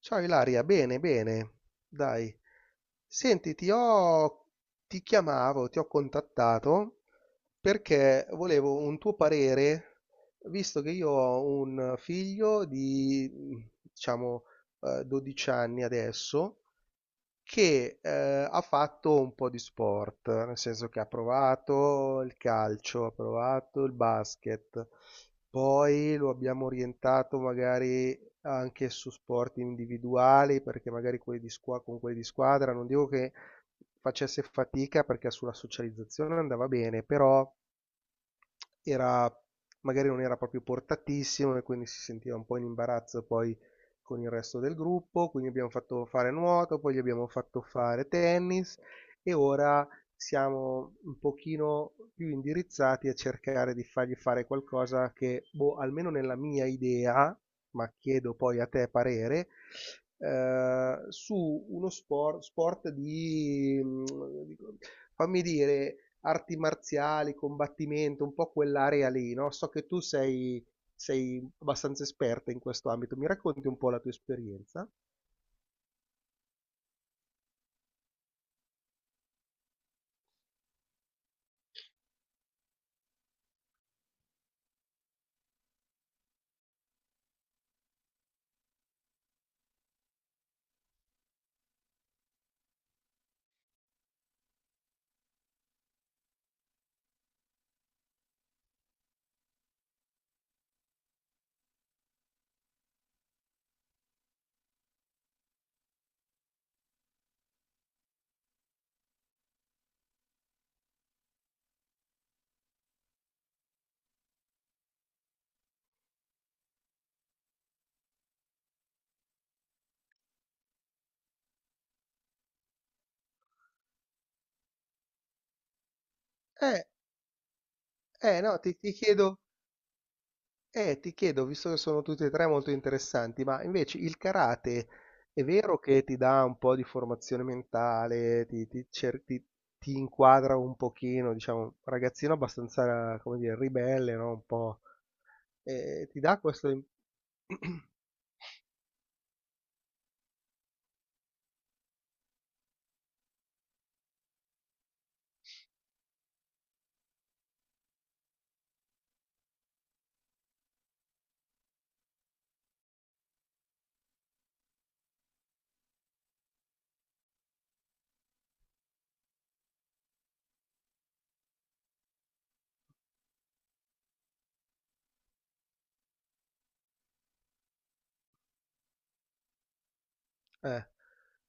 Ciao Ilaria, bene, bene, dai. Senti, ti chiamavo, ti ho contattato perché volevo un tuo parere, visto che io ho un figlio di, diciamo, 12 anni adesso che, ha fatto un po' di sport, nel senso che ha provato il calcio, ha provato il basket, poi lo abbiamo orientato magari anche su sport individuali, perché magari quelli di squa con quelli di squadra, non dico che facesse fatica perché sulla socializzazione andava bene, però era, magari non era proprio portatissimo e quindi si sentiva un po' in imbarazzo poi con il resto del gruppo, quindi abbiamo fatto fare nuoto, poi gli abbiamo fatto fare tennis e ora siamo un pochino più indirizzati a cercare di fargli fare qualcosa che, boh, almeno nella mia idea, ma chiedo poi a te parere, su uno sport, sport di, di- fammi dire, arti marziali, combattimento, un po' quell'area lì, no? So che sei abbastanza esperta in questo ambito, mi racconti un po' la tua esperienza? Eh, no, ti, ti chiedo, visto che sono tutti e tre molto interessanti, ma invece il karate è vero che ti dà un po' di formazione mentale, ti inquadra un pochino, diciamo, un ragazzino abbastanza, come dire, ribelle, no? Un po'. Ti dà questo. Eh,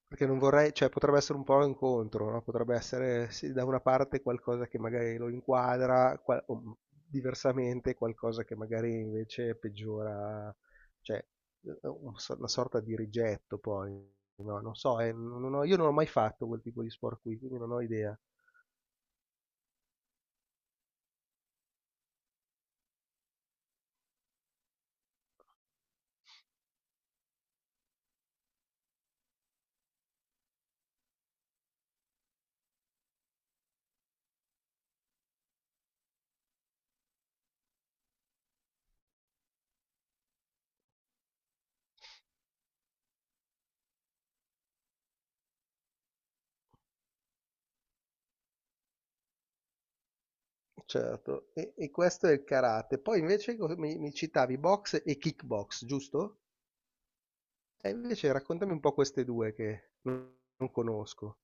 perché non vorrei, cioè potrebbe essere un po' incontro, no? Potrebbe essere sì, da una parte qualcosa che magari lo inquadra, o diversamente qualcosa che magari invece peggiora, cioè una sorta di rigetto poi, no? Non so, non ho- io non ho mai fatto quel tipo di sport qui, quindi non ho idea. Certo, e questo è il karate. Poi invece mi citavi box e kickbox, giusto? E invece raccontami un po' queste due che non conosco.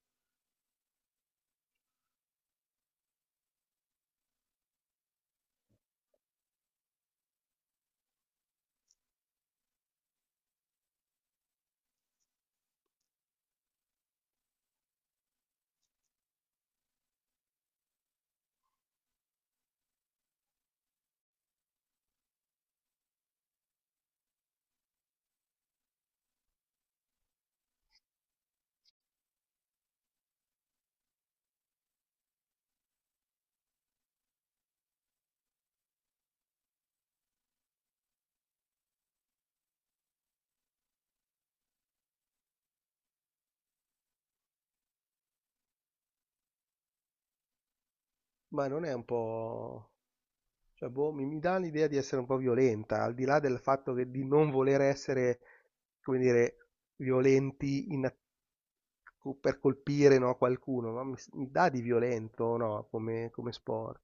Ma non è un po'... cioè, boh, mi dà l'idea di essere un po' violenta, al di là del fatto che di non voler essere, come dire, violenti in- per colpire, no, qualcuno, ma mi dà di violento, no, come, come sport.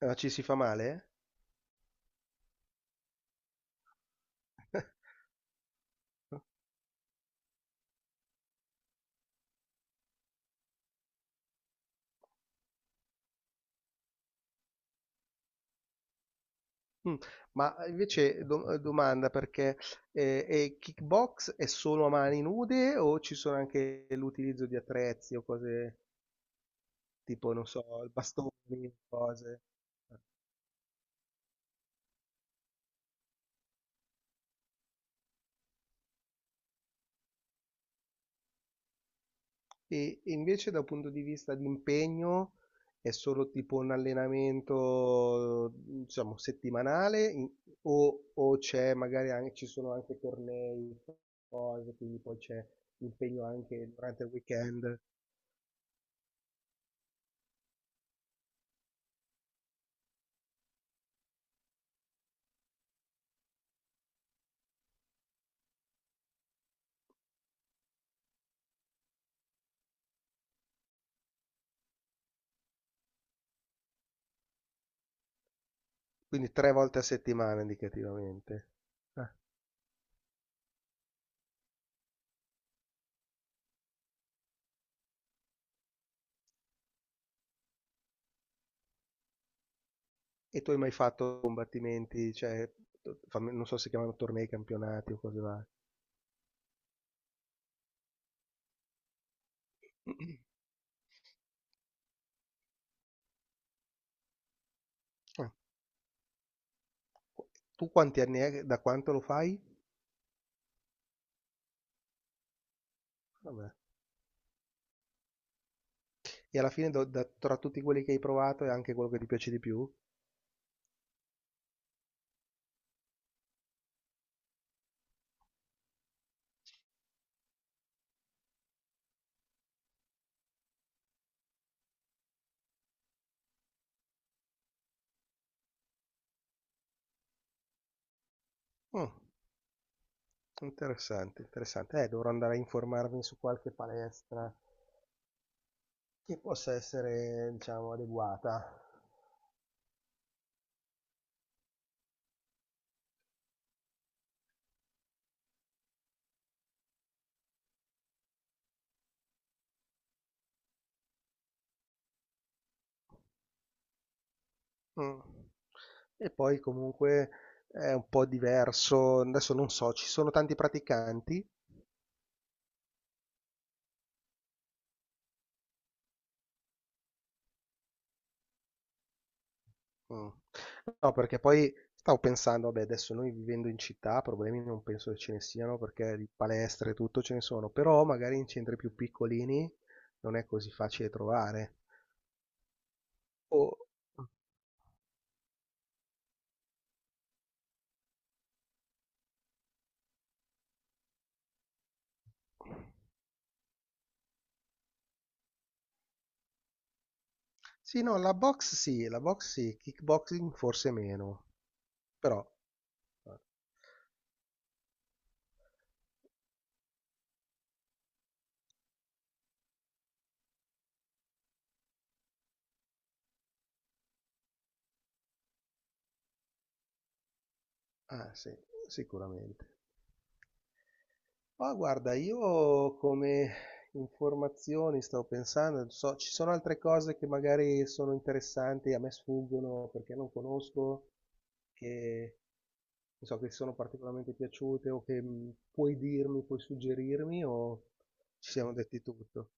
Ah, ci si fa male? eh? Mm. Ma invece domanda perché e kickbox è solo a mani nude o ci sono anche l'utilizzo di attrezzi o cose tipo, non so, bastoni, cose? E invece da un punto di vista di impegno è solo tipo un allenamento, diciamo, o c'è magari anche, ci sono anche tornei, cose, quindi poi c'è impegno anche durante il weekend, quindi tre volte a settimana indicativamente. Ah, e tu hai mai fatto combattimenti, cioè, non so se chiamano tornei, campionati o cose varie. Ah, qu- Tu quanti anni è, da quanto lo fai? Vabbè. E alla fine, tra tutti quelli che hai provato, è anche quello che ti piace di più? Mm, interessante, interessante. Dovrò andare a informarmi su qualche palestra che possa essere, diciamo, adeguata. Mm. E poi comunque è un po' diverso. Adesso non so, ci sono tanti praticanti? Mh. No, perché poi stavo pensando, vabbè adesso noi vivendo in città problemi non penso che ce ne siano perché di palestre e tutto ce ne sono, però magari in centri più piccolini non è così facile trovare. O mh. Sì, no, la box sì, kickboxing forse meno, però eh. Ah sì, sicuramente. Ma guarda, io come informazioni stavo pensando, ci sono altre cose che magari sono interessanti, a me sfuggono perché non conosco, che non so che ti sono particolarmente piaciute o che puoi dirmi, puoi suggerirmi o ci siamo detti tutto.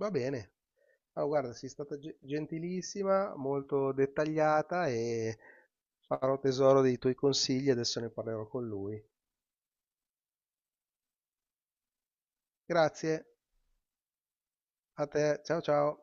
Va bene. Allora, guarda, sei stata gentilissima, molto dettagliata e farò tesoro dei tuoi consigli, adesso ne parlerò con lui. Grazie a te, ciao ciao.